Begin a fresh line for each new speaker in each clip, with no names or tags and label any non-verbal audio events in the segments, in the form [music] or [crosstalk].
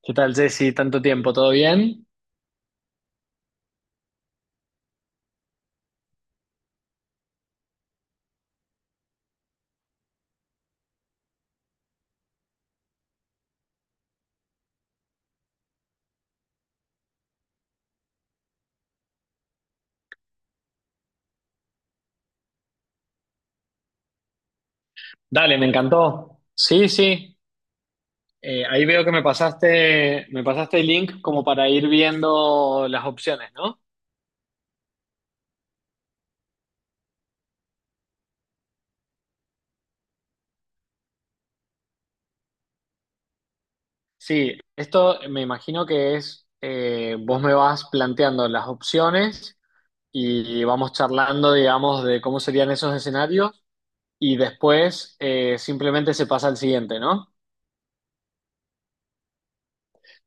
¿Qué tal, Jessy? ¿Tanto tiempo? ¿Todo bien? Dale, me encantó. Sí, sí. Ahí veo que me pasaste el link como para ir viendo las opciones, ¿no? Sí, esto me imagino que es, vos me vas planteando las opciones y vamos charlando, digamos, de cómo serían esos escenarios y después simplemente se pasa al siguiente, ¿no?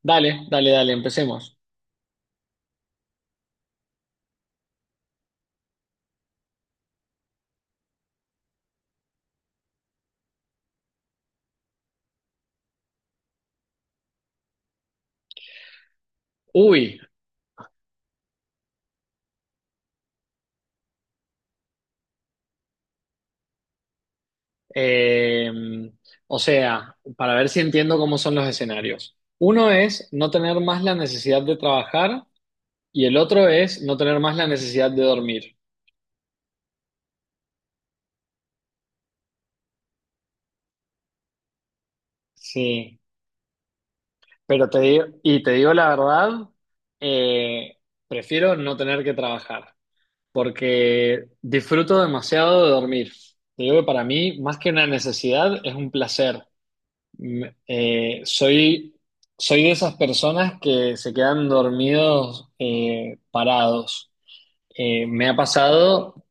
Dale, dale, dale, empecemos. Uy. Eh, o sea, para ver si entiendo cómo son los escenarios. Uno es no tener más la necesidad de trabajar y el otro es no tener más la necesidad de dormir. Sí, pero te digo, y te digo la verdad, eh, prefiero no tener que trabajar porque disfruto demasiado de dormir. Te digo que para mí, más que una necesidad, es un placer. Me- eh, soy, Soy de esas personas que se quedan dormidos parados. Eh, me ha pasado,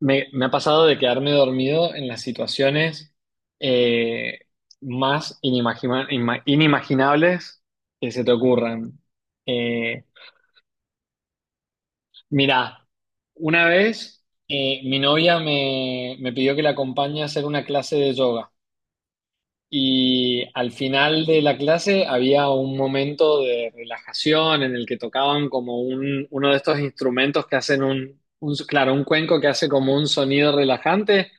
Me ha pasado de quedarme dormido en las situaciones eh, inimaginables que se te ocurran. Eh, mirá, una vez mi novia me pidió que la acompañe a hacer una clase de yoga. Y al final de la clase había un momento de relajación en el que tocaban uno de estos instrumentos que hacen claro, un cuenco que hace como un sonido relajante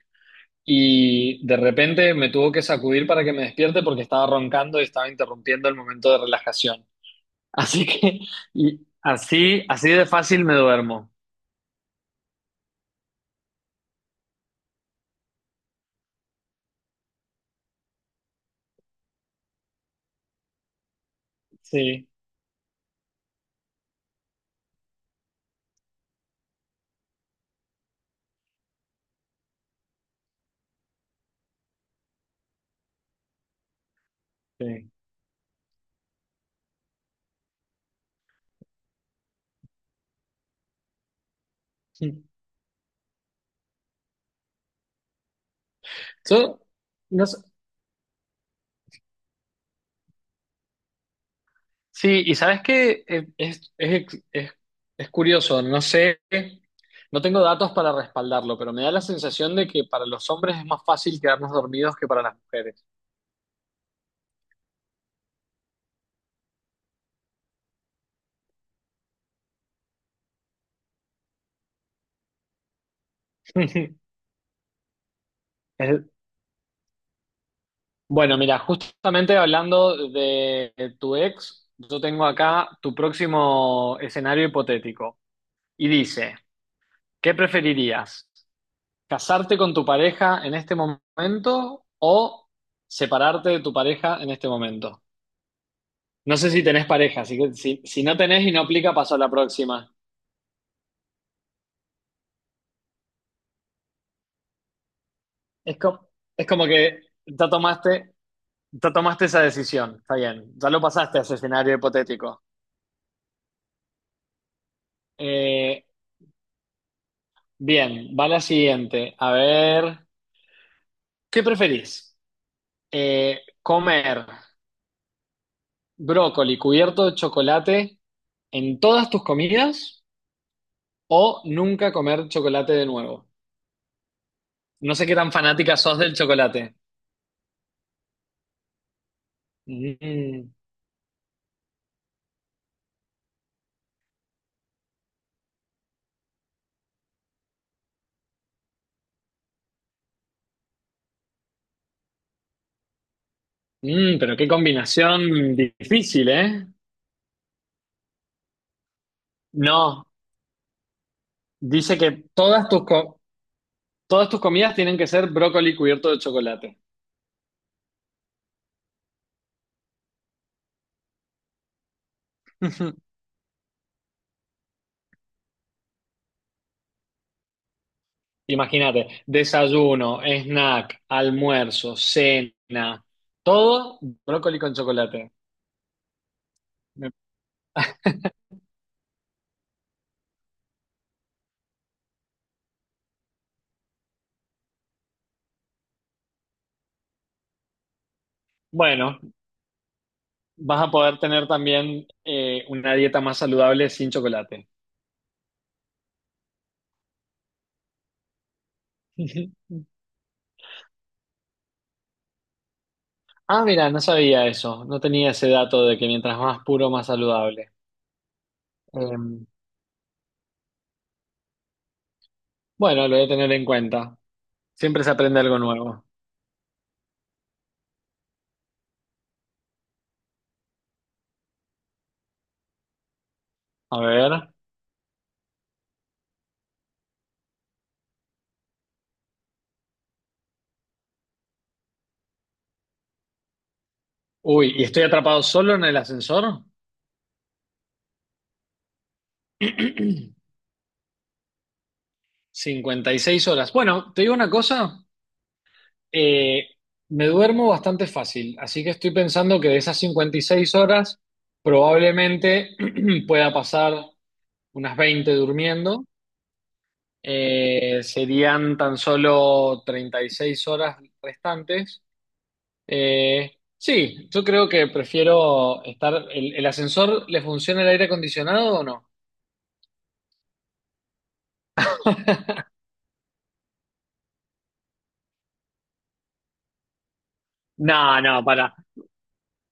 y de repente me tuvo que sacudir para que me despierte porque estaba roncando y estaba interrumpiendo el momento de relajación. [laughs] Así que, y así, así de fácil me duermo. Sí, sí. Yo, no sé, Sí, y sabes que es curioso, no sé, no tengo datos para respaldarlo, pero me da la sensación de que para los hombres es más fácil quedarnos dormidos que para las mujeres. [laughs] Es- Bueno, mira, justamente hablando de tu ex, yo tengo acá tu próximo escenario hipotético y dice, ¿qué preferirías? ¿Casarte con tu pareja en este momento o separarte de tu pareja en este momento? No sé si tenés pareja, así que si, si no tenés y no aplica, paso a la próxima. Es como, es como que ya tomaste, ya tomaste esa decisión, está bien, ya lo pasaste a ese escenario hipotético. Eh, Bien, va la siguiente. A ver, ¿qué preferís? ¿Comer brócoli cubierto de chocolate en todas tus comidas o nunca comer chocolate de nuevo? No sé qué tan fanática sos del chocolate. Mm. Mm, pero qué combinación difícil, ¿eh? No, dice que todas tus comidas tienen que ser brócoli cubierto de chocolate. [laughs] Imagínate, desayuno, snack, almuerzo, cena, todo brócoli con chocolate. [laughs] Me- Bueno, vas a poder tener también una dieta más saludable sin chocolate. [laughs] Ah, mira, no sabía eso, no tenía ese dato de que mientras más puro, más saludable. Eh, Bueno, lo voy a tener en cuenta. Siempre se aprende algo nuevo. A ver. Uy, ¿y estoy atrapado solo en el ascensor? [clears throat] 56 horas. Bueno, te digo una cosa, eh, me duermo bastante fácil, así que estoy pensando que de esas 56 horas probablemente [clears throat] pueda pasar unas 20 durmiendo. Serían tan solo 36 horas restantes. Sí, yo creo que prefiero estar. El ascensor le funciona el aire acondicionado o no? No, no, para.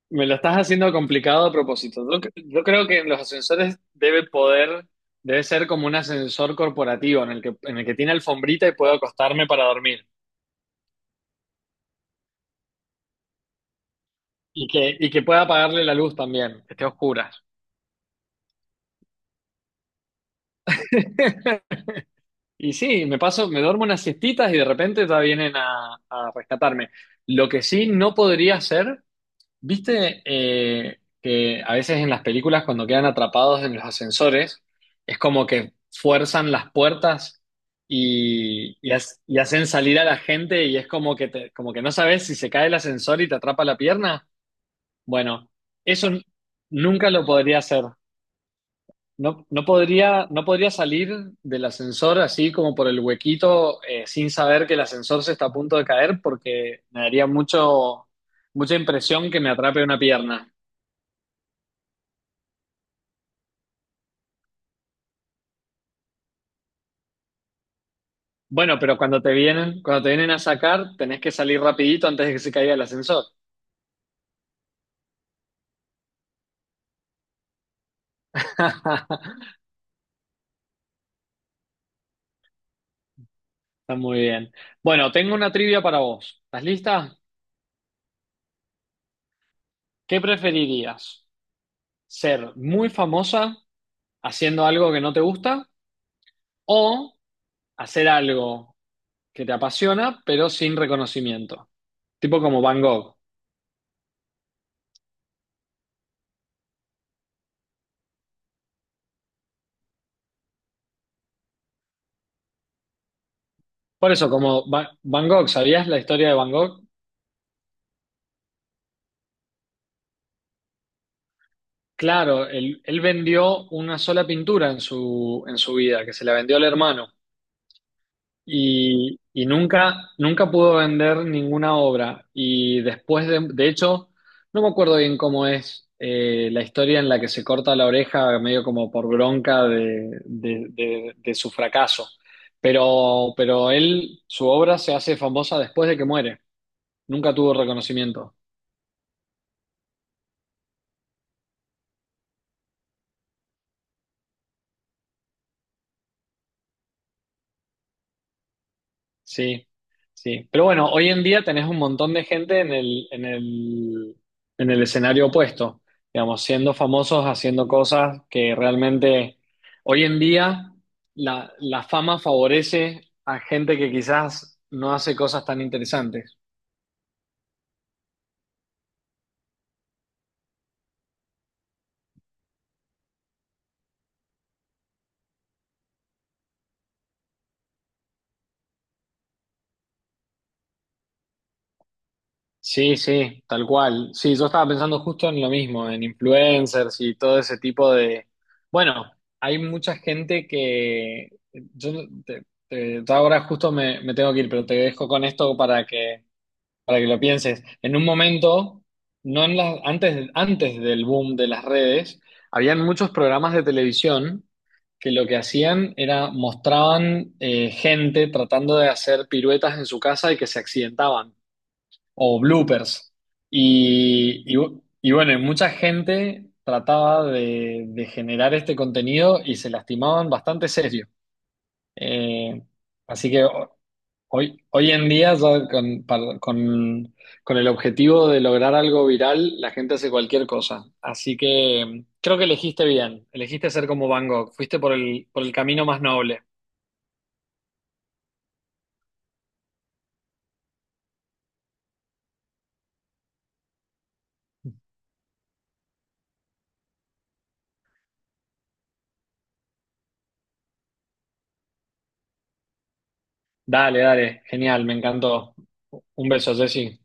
Me lo estás haciendo complicado a propósito. Yo creo que en los ascensores debe poder, debe ser como un ascensor corporativo en el que tiene alfombrita y puedo acostarme para dormir. Y que pueda apagarle la luz también, que esté oscura. [laughs] Y sí, me duermo unas siestitas y de repente ya vienen a rescatarme. Lo que sí no podría hacer. ¿Viste que a veces en las películas cuando quedan atrapados en los ascensores es como que fuerzan las puertas y, y hacen salir a la gente y es como que, como que no sabes si se cae el ascensor y te atrapa la pierna? Bueno, eso n- nunca lo podría hacer. No, no podría, no podría salir del ascensor así como por el huequito sin saber que el ascensor se está a punto de caer porque me daría mucho, mucha impresión que me atrape una pierna. Bueno, pero cuando te vienen a sacar, tenés que salir rapidito antes de que se caiga el ascensor. [laughs] Está muy bien. Bueno, tengo una trivia para vos. ¿Estás lista? ¿Qué preferirías? ¿Ser muy famosa haciendo algo que no te gusta o hacer algo que te apasiona pero sin reconocimiento? Tipo como Van Gogh. Por eso, como Van Gogh, ¿sabías la historia de Van Gogh? Claro, él vendió una sola pintura en su vida, que se la vendió al hermano. Y, y nunca, nunca pudo vender ninguna obra. Y después de hecho, no me acuerdo bien cómo es la historia en la que se corta la oreja, medio como por bronca de su fracaso. Pero él, su obra se hace famosa después de que muere. Nunca tuvo reconocimiento. Sí, sí. Pero bueno, hoy en día tenés un montón de gente en el escenario opuesto, digamos, siendo famosos, haciendo cosas que realmente hoy en día la fama favorece a gente que quizás no hace cosas tan interesantes. Sí, sí, tal cual. Sí, yo estaba pensando justo en lo mismo, en influencers y todo ese tipo de... Bueno, hay mucha gente que... Yo no- te- te- Yo ahora justo me tengo que ir, pero te dejo con esto para que lo pienses. En un momento, no en las, antes, antes del boom de las redes, habían muchos programas de televisión que lo que hacían era mostraban gente tratando de hacer piruetas en su casa y que se accidentaban o bloopers. Y bueno, y mucha gente trataba de generar este contenido y se lastimaban bastante serio. Eh, así que ho- Hoy, hoy en día, ya con el objetivo de lograr algo viral, la gente hace cualquier cosa. Así que mm, creo que elegiste bien, elegiste ser como Van Gogh, fuiste por el camino más noble. Dale, dale, genial, me encantó. Un beso, Jessy.